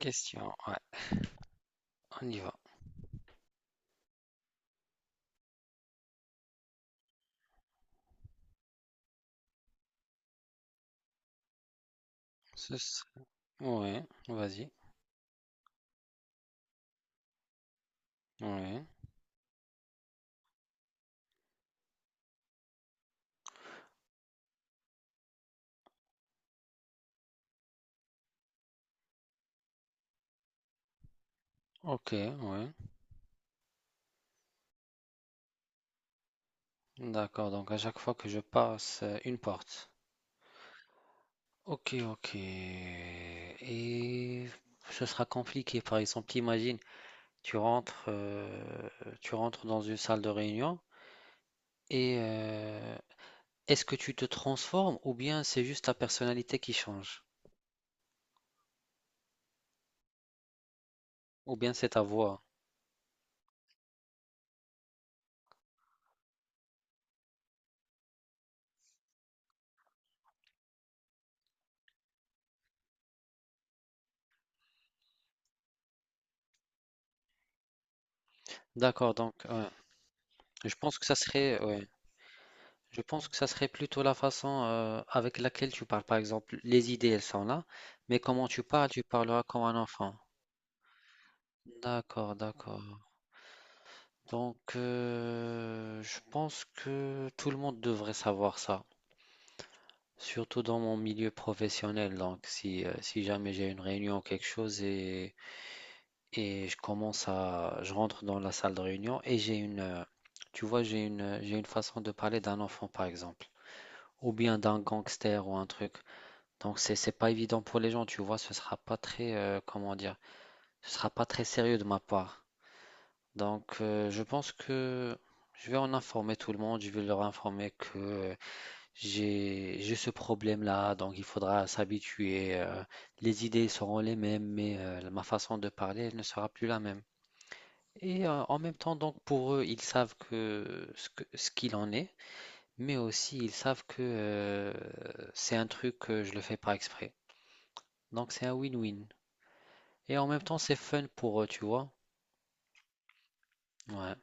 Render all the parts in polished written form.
Question. Ouais, on y va. Ce s- Ouais, vas-y. Ouais. Ok, ouais. D'accord, donc à chaque fois que je passe une porte. Ok, ok. Et ce sera compliqué. Par exemple, imagine, tu rentres, euh, tu rentres dans une salle de réunion et est-ce que tu te transformes ou bien c'est juste ta personnalité qui change? Ou bien c'est ta voix? D'accord, donc ouais. Je pense que ça serait, ouais. Je pense que ça serait plutôt la façon avec laquelle tu parles. Par exemple, les idées, elles sont là, mais comment tu parles, tu parleras comme un enfant. D'accord, d'accord. Donc, je pense que tout le monde devrait savoir ça, surtout dans mon milieu professionnel. Donc, si jamais j'ai une réunion ou quelque chose et je rentre dans la salle de réunion et tu vois, j'ai une façon de parler d'un enfant, par exemple, ou bien d'un gangster ou un truc. Donc c'est pas évident pour les gens, tu vois, ce sera pas très comment dire, ce sera pas très sérieux de ma part. Donc, je pense que je vais en informer tout le monde, je vais leur informer que j'ai ce problème-là, donc il faudra s'habituer. Les idées seront les mêmes, mais ma façon de parler elle ne sera plus la même. Et, en même temps, donc pour eux, ils savent que ce qu'il en est, mais aussi ils savent que c'est un truc que je le fais pas exprès. Donc c'est un win-win. Et en même temps, c'est fun pour eux, tu vois? Ouais,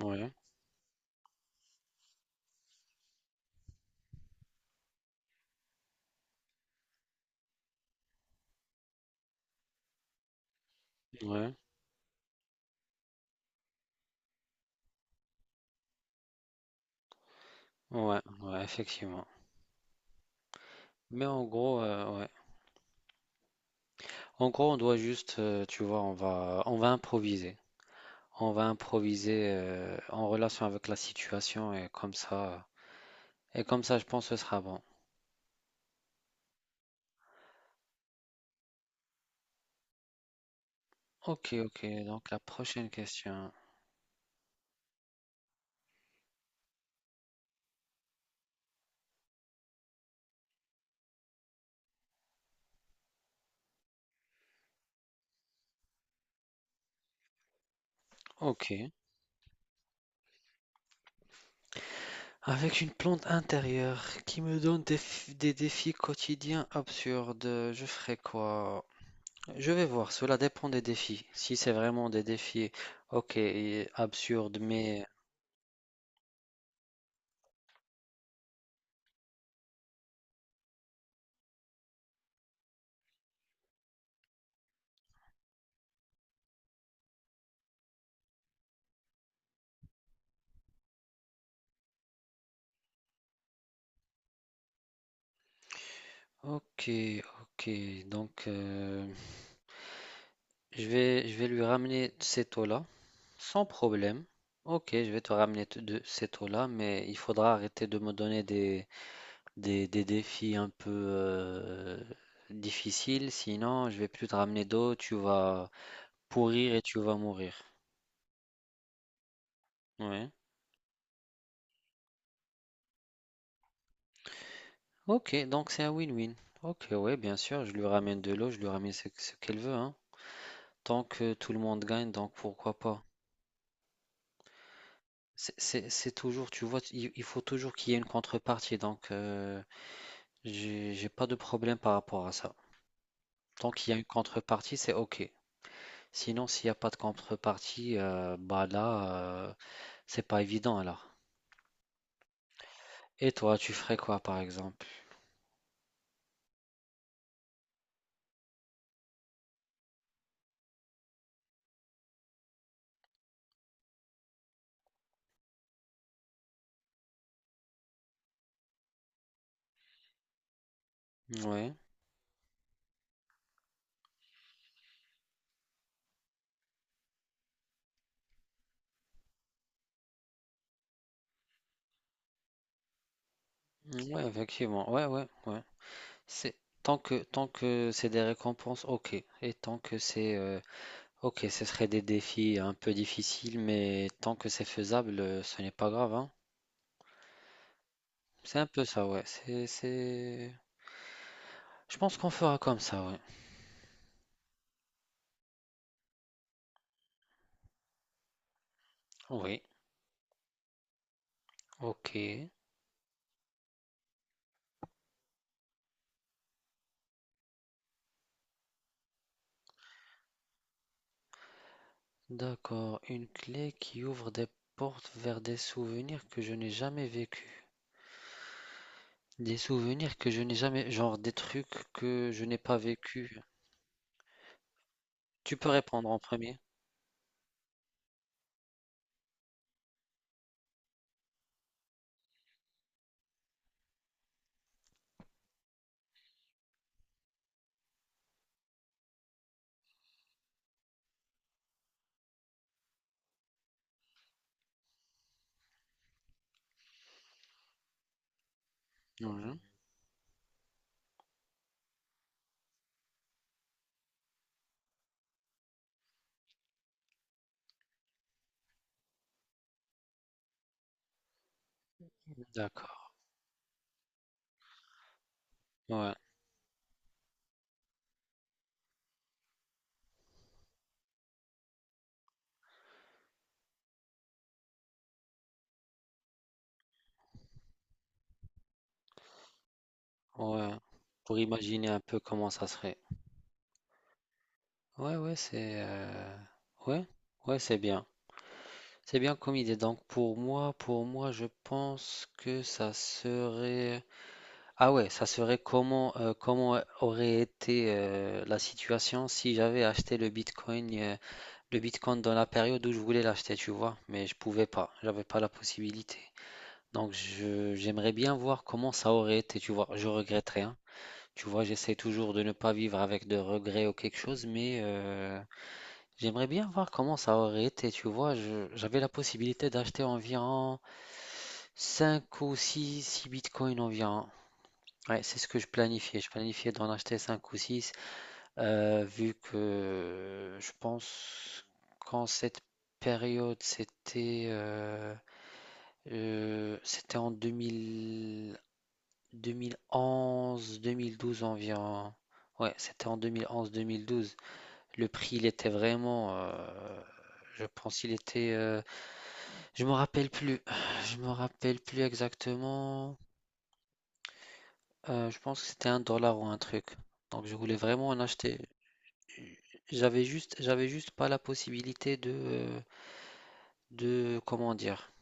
ouais, ouais, ouais, ouais, effectivement. Mais en gros, ouais. En gros, on doit juste, tu vois, on va improviser. On va improviser en relation avec la situation et comme ça, je pense que ce sera bon. Ok, ok, donc la prochaine question. Ok. Avec une plante intérieure qui me donne des défis quotidiens absurdes, je ferai quoi? Je vais voir, cela dépend des défis. Si c'est vraiment des défis, ok, et absurdes, mais ok, ok. Donc, je vais lui ramener cette eau-là, sans problème. Ok, je vais te ramener de cette eau-là, mais il faudra arrêter de me donner des défis un peu difficiles, sinon je vais plus te ramener d'eau, tu vas pourrir et tu vas mourir. Ouais. Ok, donc c'est un win-win. Ok, ouais, bien sûr, je lui ramène de l'eau, je lui ramène ce qu'elle veut, hein. Tant que tout le monde gagne, donc pourquoi pas. C'est toujours, tu vois, il faut toujours qu'il y ait une contrepartie, donc, j'ai pas de problème par rapport à ça. Tant qu'il y a une contrepartie, c'est ok. Sinon, s'il n'y a pas de contrepartie, bah là, c'est pas évident alors. Et toi, tu ferais quoi par exemple? Ouais, ouais, effectivement, ouais, ouais, ouais. C'est tant que c'est des récompenses, ok. Et tant que c'est ok, ce serait des défis un peu difficiles, mais tant que c'est faisable, ce n'est pas grave, hein. C'est un peu ça, ouais. Je pense qu'on fera comme ça, ouais. Oui, ok. D'accord. Une clé qui ouvre des portes vers des souvenirs que je n'ai jamais vécus. Des souvenirs que je n'ai jamais, genre des trucs que je n'ai pas vécu. Tu peux répondre en premier. Mhm. D'accord. Ouais. Ouais, pour imaginer un peu comment ça serait. Ouais, ouais, c'est euh, ouais, ouais, c'est bien. C'est bien comme idée. Donc pour moi, je pense que ça serait. Ah ouais, ça serait comment comment aurait été la situation si j'avais acheté le Bitcoin le Bitcoin dans la période où je voulais l'acheter, tu vois, mais je pouvais pas, j'avais pas la possibilité. Donc je j'aimerais bien voir comment ça aurait été, tu vois. Je regrette rien. Tu vois, j'essaie toujours de ne pas vivre avec de regrets ou quelque chose, mais j'aimerais bien voir comment ça aurait été. Tu vois, j'avais la possibilité d'acheter environ cinq ou six bitcoins environ. Ouais, c'est ce que je planifiais. Je planifiais d'en acheter 5 ou 6 vu que je pense qu'en cette période, c'était en 2011, 2012 environ. Ouais, c'était en deux mille onze mille douze. Le prix, il était vraiment, je pense, il était, je me rappelle plus, je me rappelle plus exactement. Je pense que c'était un dollar ou un truc. Donc je voulais vraiment en acheter. J'avais juste pas la possibilité comment dire,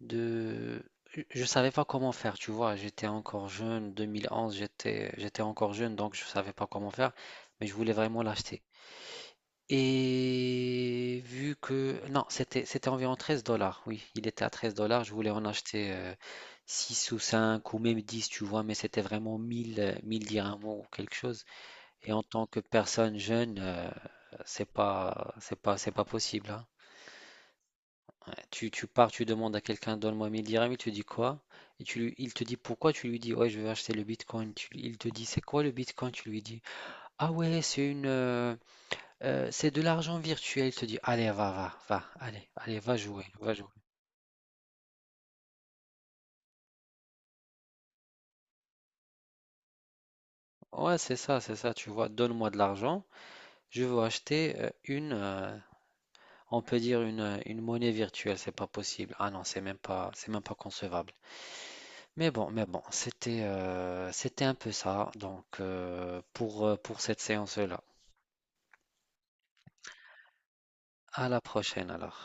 de, je savais pas comment faire. Tu vois, j'étais encore jeune, 2011, j'étais encore jeune, donc je savais pas comment faire, mais je voulais vraiment l'acheter. Non, c'était environ 13$. Oui, il était à 13$. Je voulais en acheter 6 ou 5 ou même 10, tu vois, mais c'était vraiment 1000, 1000 dirhams ou quelque chose. Et en tant que personne jeune, c'est pas possible, hein. Ouais, tu pars, tu demandes à quelqu'un, donne-moi 1000 dirhams, il te dit quoi? Et il te dit pourquoi, tu lui dis, ouais, je veux acheter le Bitcoin. Il te dit, c'est quoi le Bitcoin? Tu lui dis, ah ouais, c'est de l'argent virtuel. Il te dit, allez, va, va, va, allez, allez, va jouer, va jouer. Ouais, c'est ça, tu vois, donne-moi de l'argent, je veux acheter on peut dire une monnaie virtuelle, c'est pas possible. Ah non, c'est même pas concevable. Mais bon, c'était un peu ça, donc, pour cette séance-là. À la prochaine alors.